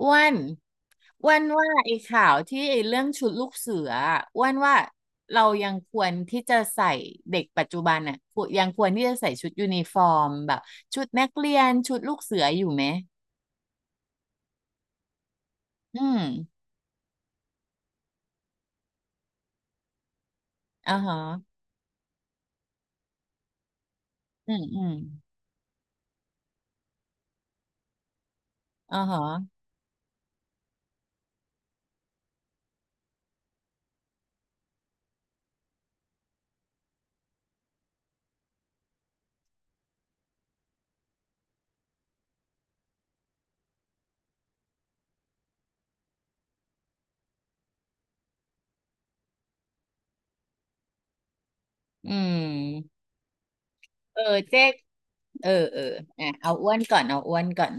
อ้วนอ้วนว่าไอ้ข่าวที่ไอ้เรื่องชุดลูกเสืออะอ้วนว่าเรายังควรที่จะใส่เด็กปัจจุบันอ่ะควรยังควรที่จะใส่ชุดยูนิฟอร์มแบบชุดนักเรียนชุดลูกเสืออยู่ไหมอืมอ่าฮะอืมอืมอ่าฮะอืมเออเจ๊กเออเอออ่ะเอาอ้วนก่อนเอาอ้วนก่อน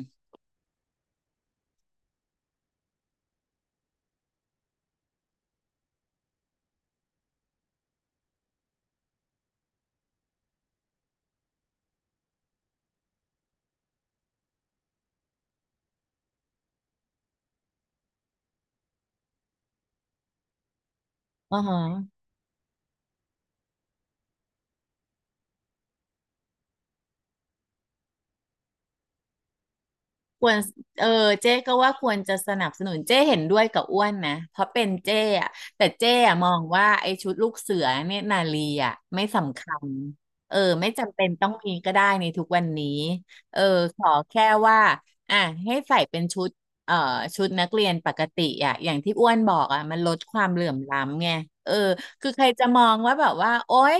อ่าฮะ ควรเออเจ๊ก็ว่าควรจะสนับสนุนเจ๊เห็นด้วยกับอ้วนนะเพราะเป็นเจ๊อะแต่เจ๊อะมองว่าไอ้ชุดลูกเสือเนี่ยนาลีอะไม่สำคัญเออไม่จำเป็นต้องมีก็ได้ในทุกวันนี้เออขอแค่ว่าอ่ะให้ใส่เป็นชุดเอ่อชุดนักเรียนปกติอะอย่างที่อ้วนบอกอะมันลดความเหลื่อมล้ำไงเออคือใครจะมองว่าแบบว่าโอ๊ย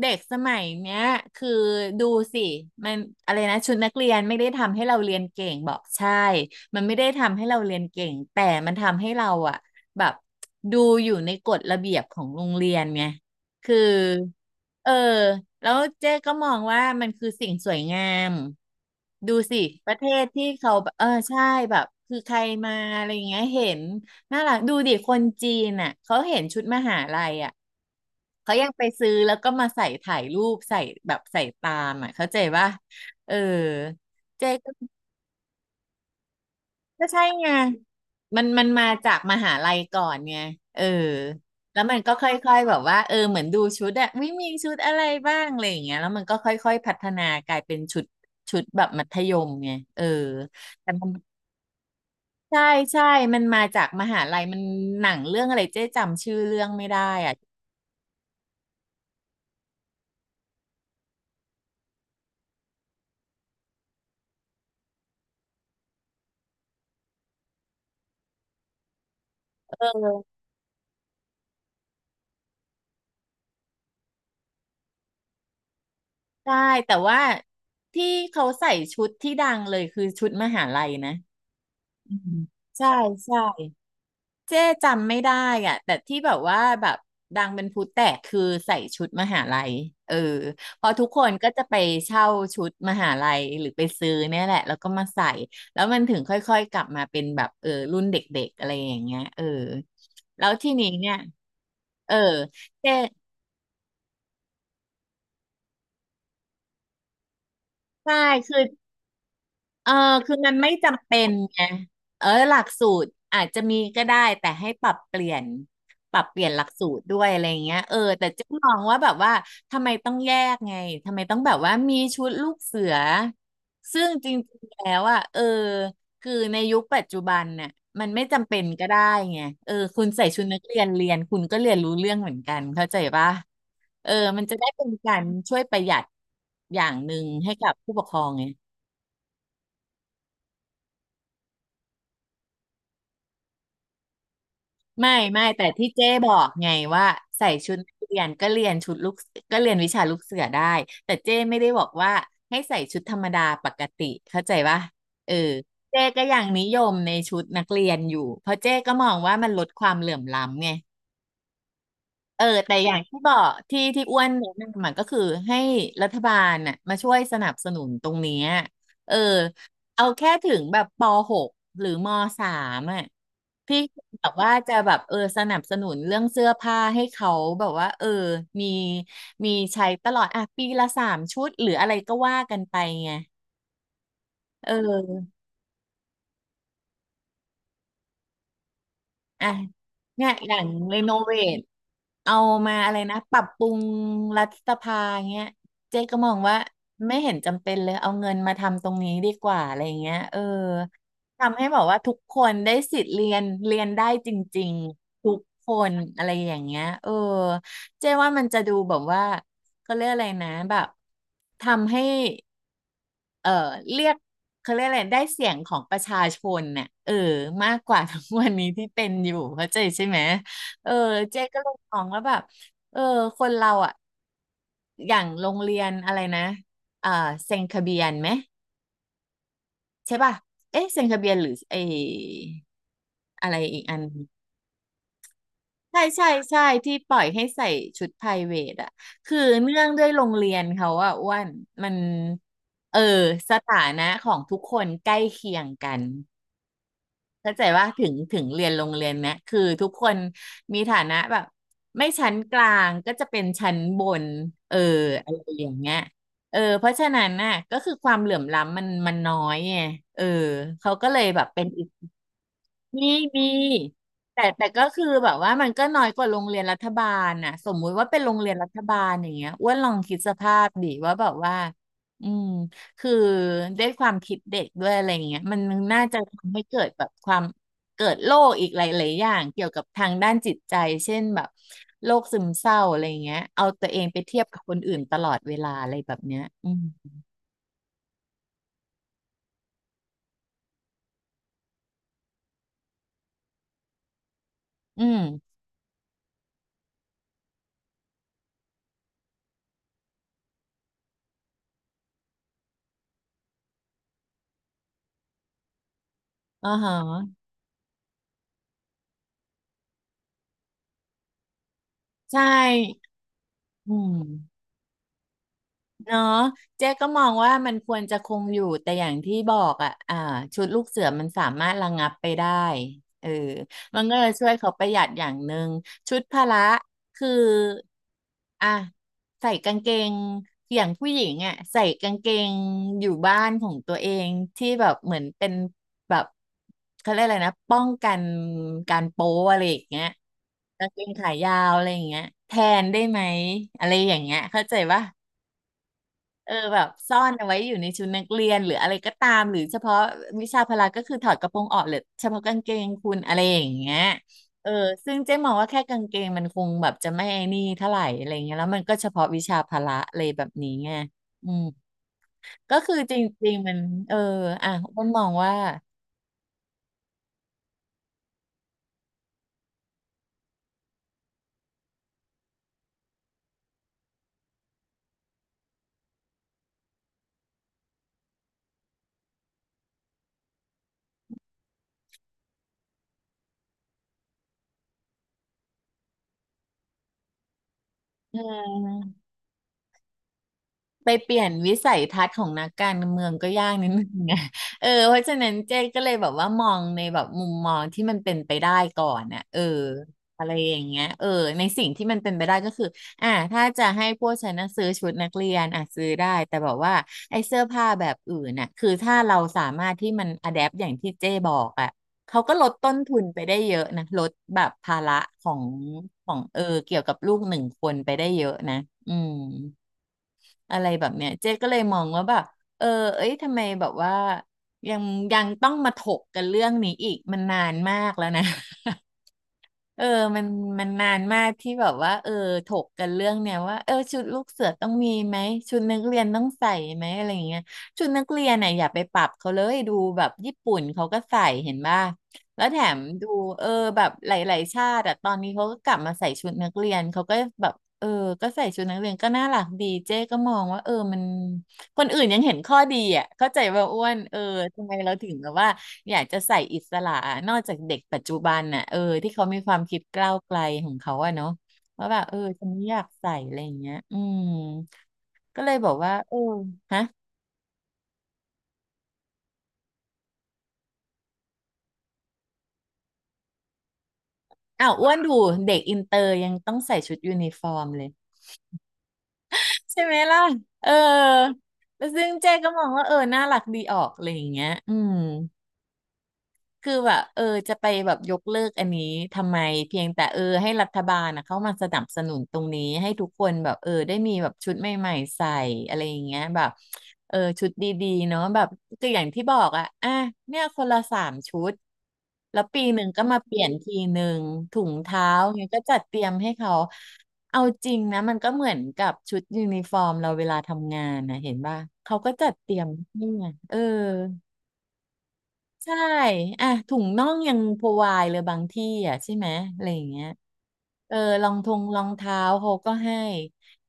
เด็กสมัยเนี้ยคือดูสิมันอะไรนะชุดนักเรียนไม่ได้ทำให้เราเรียนเก่งบอกใช่มันไม่ได้ทำให้เราเรียนเก่งแต่มันทำให้เราอะแบบดูอยู่ในกฎระเบียบของโรงเรียนไงคือเออแล้วเจ๊ก็มองว่ามันคือสิ่งสวยงามดูสิประเทศที่เขาแบบเออใช่แบบคือใครมาอะไรอย่างเงี้ยเห็นน่ารักดูดิคนจีนอ่ะเขาเห็นชุดมหาลัยอ่ะ เขายังไปซื้อแล้วก็มาใส่ถ่ายรูปใส่แบบใส่ตามอ่ะเข้าใจว่าเออเจก็ก็ใช่ไงมันมาจากมหาลัยก่อนไงเออแล้วมันก็ค่อยๆแบบว่าเออเหมือนดูชุดอะไม่มีชุดอะไรบ้างอะไรอย่างเงี้ยแล้วมันก็ค่อยๆพัฒนากลายเป็นชุดชุดแบบมัธยมไงเออแต่มันใช่ใช่มันมาจากมหาลัยมันหนังเรื่องอะไรเจ๊จำชื่อเรื่องไม่ได้อ่ะเออ ใช่แต่ว่าที่เขาใส่ชุดที่ดังเลยคือชุดมหาลัยนะอืมใช่ใช่เจ๊จำไม่ได้อ่ะแต่ที่แบบว่าแบบดังเป็นพลุแตกคือใส่ชุดมหาลัยเออพอทุกคนก็จะไปเช่าชุดมหาลัยหรือไปซื้อเนี่ยแหละแล้วก็มาใส่แล้วมันถึงค่อยๆกลับมาเป็นแบบเออรุ่นเด็กๆอะไรอย่างเงี้ยเออแล้วทีนี้เนี่ยเออเจ๊ใช่คือ เออคือมันไม่จำเป็นไงเออหลักสูตรอาจจะมีก็ได้ แต่ให้ปรับเปลี่ยนปรับเปลี่ยนหลักสูตรด้วยอะไรอย่างเงี้ยเออแต่เจ๊มองว่าแบบว่าทำไมต้องแยกไง ทำไมต้องแบบว่ามีชุดลูกเสือ ซึ่งจริงๆแล้วอ่ะเออคือในยุคปัจจุบันน่ะมันไม่จำเป็นก็ได้ไงเออคุณใส่ชุดนักเรียนเรียน คุณก็เรียนรู้เรื่องเหมือนกัน เข้าใจปะเออมันจะได้เป็นการช่วยประหยัดอย่างหนึ่งให้กับผู้ปกครองไง ไม่แต่ที่เจ๊บอกไงว่าใส่ชุดนักเรียนก็เรียนชุดลูกก็เรียนวิชาลูกเสือได้แต่เจ๊ไม่ได้บอกว่าให้ใส่ชุดธรรมดาปกติเข้าใจปะเออเจ๊ก็ยังนิยมในชุดนักเรียนอยู่เพราะเจ๊ก็มองว่ามันลดความเหลื่อมล้ำไง เออแต่อย่างที่บอกที่อ้วนแนะนำมันก็คือให้รัฐบาลน่ะมาช่วยสนับสนุนตรงเนี้ยเออเอาแค่ถึงแบบป .6 หรือม .3 อ่ะพี่แบบว่าจะแบบเออสนับสนุนเรื่องเสื้อผ้าให้เขาแบบว่าเออมีมีใช้ตลอดอ่ะปีละ3 ชุดหรืออะไรก็ว่ากันไปไงเออ อ่ะเนี่ยอย่างรีโนเวทเอามาอะไรนะปรับปรุงรัฐสภาเงี้ยเจ๊ก็มองว่าไม่เห็นจำเป็นเลยเอาเงินมาทำตรงนี้ดีกว่าอะไรเงี้ยเออทำให้บอกว่าทุกคนได้สิทธิ์เรียนเรียนได้จริงๆทุกคนอะไรอย่างเงี้ยเออเจ๊ว่ามันจะดูแบบว่าเขาเรียกอะไรนะแบบทำให้ เออเรียกเขาเรียกอะไรได้เสียงของประชาชนน่ะเออมากกว่าทุกวันนี้ที่เป็นอยู่เข้าใจใช่ไหมเออเจ๊ก็เลยมองว่าแบบเออคนเราอ่ะอย่างโรงเรียนอะไรนะอ่าเซ็นทะเบียนไหมใช่ป่ะเอ๊ะเซ็นทะเบียนหรือไออะไรอีกอันใช่ใช่ใช่ที่ปล่อยให้ใส่ชุดไพรเวทอ่ะคือเนื่องด้วยโรงเรียนเขาอ่ะอ้วนมันเออสถานะของทุกคนใกล้เคียงกัน เข้าใจว่าถึงเรียนโรงเรียนเนี้ยคือทุกคนมีฐานะแบบไม่ชั้นกลางก็จะเป็นชั้นบนเอออะไรอย่างเงี้ยเออเพราะฉะนั้นน่ะก็คือความเหลื่อมล้ำมันน้อยไงเออเขาก็เลยแบบเป็นอีก มีมีแต่ก็คือแบบว่ามันก็น้อยกว่าโรงเรียนรัฐบาลน่ะสมมุติว่าเป็นโรงเรียนรัฐบาลอย่างเงี้ยอ้วนลองคิดสภาพดิว่าแบบว่าอืมคือด้วยความคิดเด็กด้วยอะไรเงี้ยมันน่าจะทำให้เกิดแบบความเกิดโรคอีกหลายๆอย่างเกี่ยวกับทางด้านจิตใจเช่นแบบโรคซึมเศร้าอะไรเงี้ยเอาตัวเองไปเทียบกับคนอื่นตลอดเวลาอะไรแบบเนี้ยอืมอืมอ๋อฮะใช่อืม เนาะเจ๊ก็มองว่ามันควรจะคงอยู่ แต่อย่างที่บอกอ่ะชุดลูกเสือมันสามารถระงับไปได้เออมันก็เลยช่วยเขาประหยัดอย่างหนึ่งชุดพละ คืออ่ะใส่กางเกงอย่างผู้หญิงอ่ะใส่กางเกงอยู่บ้านของตัวเองที่แบบเหมือนเป็นแบบเขาเรียกอะไรนะป้องกันการโป๊อะไรอย่างเงี้ยกางเกงขายาวอะไรอย่างเงี้ยแทนได้ไหมอะไรอย่างเงี้ยเข้าใจปะ เออแบบซ่อนเอาไว้อยู่ในชุดนักเรียนหรืออะไรก็ตามหรือเฉพาะวิชาพละก็คือถอดกระโปรงออกเหรือเฉพาะกางเกงคุณอะไรอย่างเงี้ยเออซึ่งเจ๊มองว่าแค่กางเกงมันคงแบบจะไม่ไอ้นี่เท่าไหร่อะไรเงี้ยแล้วมันก็เฉพาะวิชาพละอะไรแบบนี้ไงอืมก็คือจริงๆมันเอออ่ะอ้วนมองว่าเออ ไปเปลี่ยนวิสัยทัศน์ของนักการเมืองก็ยากนิดนึงไง เออเพราะฉะนั้นเจ๊ก็เลยแบบว่ามองในแบบมุมมองที่มันเป็นไปได้ก่อนน่ะเอออะไรอย่างเงี้ยเออในสิ่งที่มันเป็นไปได้ก็คืออ่าถ้าจะให้พวกฉันน่ะซื้อชุดนักเรียนอ่ะซื้อได้แต่แบบว่าไอ้เสื้อผ้าแบบอื่นน่ะ คือถ้าเราสามารถที่มันอะแดปอย่างที่เจ๊บอกอ่ะเขาก็ลดต้นทุนไปได้เยอะนะลดแบบภาระของของเออเกี่ยวกับลูกหนึ่งคนไปได้เยอะนะอืม อะไรแบบเนี้ยเจ๊ก็เลยมองว่าแบบเออเอ้ยทำไมแบบว่ายังยังต้องมาถกกันเรื่องนี้อีกมันนานมากแล้วนะ เออมันมันนานมากที่แบบว่าเออถกกันเรื่องเนี้ยว่าเออชุดลูกเสือต้องมีไหมชุดนักเรียนต้องใส่ไหมอะไรอย่างเงี้ยชุดนักเรียนน่ะอย่าไปปรับเขาเลยดูแบบญี่ปุ่นเขาก็ใส่เห็นป่ะ แล้วแถมดูเออแบบหลายๆชาติอะตอนนี้เขาก็กลับมาใส่ชุดนักเรียนเขาก็แบบเออก็ใส่ชุดนักเรียนก็น่ารักดีเจ๊ก็มองว่าเออมันคนอื่นยังเห็นข้อดีอ่ะเข้าใจว่าอ้วนเออทำไมเราถึงแบบว่าอยากจะใส่อิสระนอกจากเด็กปัจจุบันน่ะเออที่เขามีความคิดก้าวไกลของเขาอะเนาะว่าแบบเออฉันไม่อยากใส่อะไรอย่างเงี้ยอืมก็เลยบอกว่าเออฮะอ้าวอ้วนดูเด็กอินเตอร์ยังต้องใส่ชุดยูนิฟอร์มเลย ใช่ไหมล่ะ เออ แล้วซึ่งเจ๊ก็มองว่าเออ น่ารักดีออกอะไรอย่างเงี้ยอืม คือแบบเออจะไปแบบยกเลิกอันนี้ทำไมเพียงแต่เออให้รัฐบาลนะเข้ามาสนับสนุนตรงนี้ให้ทุกคนแบบเออได้มีแบบชุดใหม่ๆใส่อะไรอย่างเงี้ยแบบเออชุดดีๆเนาะแบบก็อย่างที่บอกอ่ะเนี่ยคนละสามชุดแล้วปีหนึ่งก็มาเปลี่ยนทีหนึ่งถุงเท้าเงี้ยก็จัดเตรียมให้เขาเอาจริงนะมันก็เหมือนกับชุดยูนิฟอร์มเราเวลาทำงานนะเห็นป่ะเขาก็จัดเตรียมนี่ไงเออ ใช่อ่ะถุงน่องยังพรวายเลยบางที่อ่ะใช่ไหมอะไรอย่างเงี้ยเออรองทงรองเท้าเขาก็ให้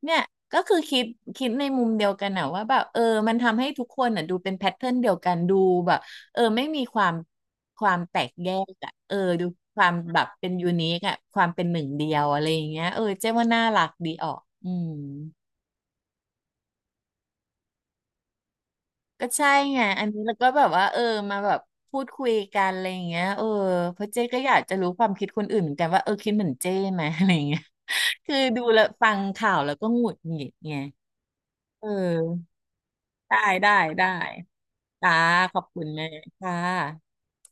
เนี่ยก็คือคิดในมุมเดียวกันอะว่าแบบเออมันทำให้ทุกคนอะดูเป็นแพทเทิร์นเดียวกันดูแบบเออไม่มีความแตกแยกอะเออดูความแบบเป็นยูนิคอะความเป็นหนึ่งเดียวอะไรอย่างเงี้ยเออเจ๊ว่าน่ารักดีออกอืม ก็ใช่ไงอันนี้แล้วก็แบบว่าเออมาแบบพูดคุยกันอะไรอย่างเงี้ยเออเพราะเจ๊ก็อยากจะรู้ความคิดคนอื่นเหมือนกันว่าเออคิดเหมือนเจ๊ไหม อะไรอย่างเงี้ยคือดูแล้วฟังข่าวแล้วก็หงุดหงิดไงเออได้ได้ได้จ้าขอบคุณแม่ค่ะ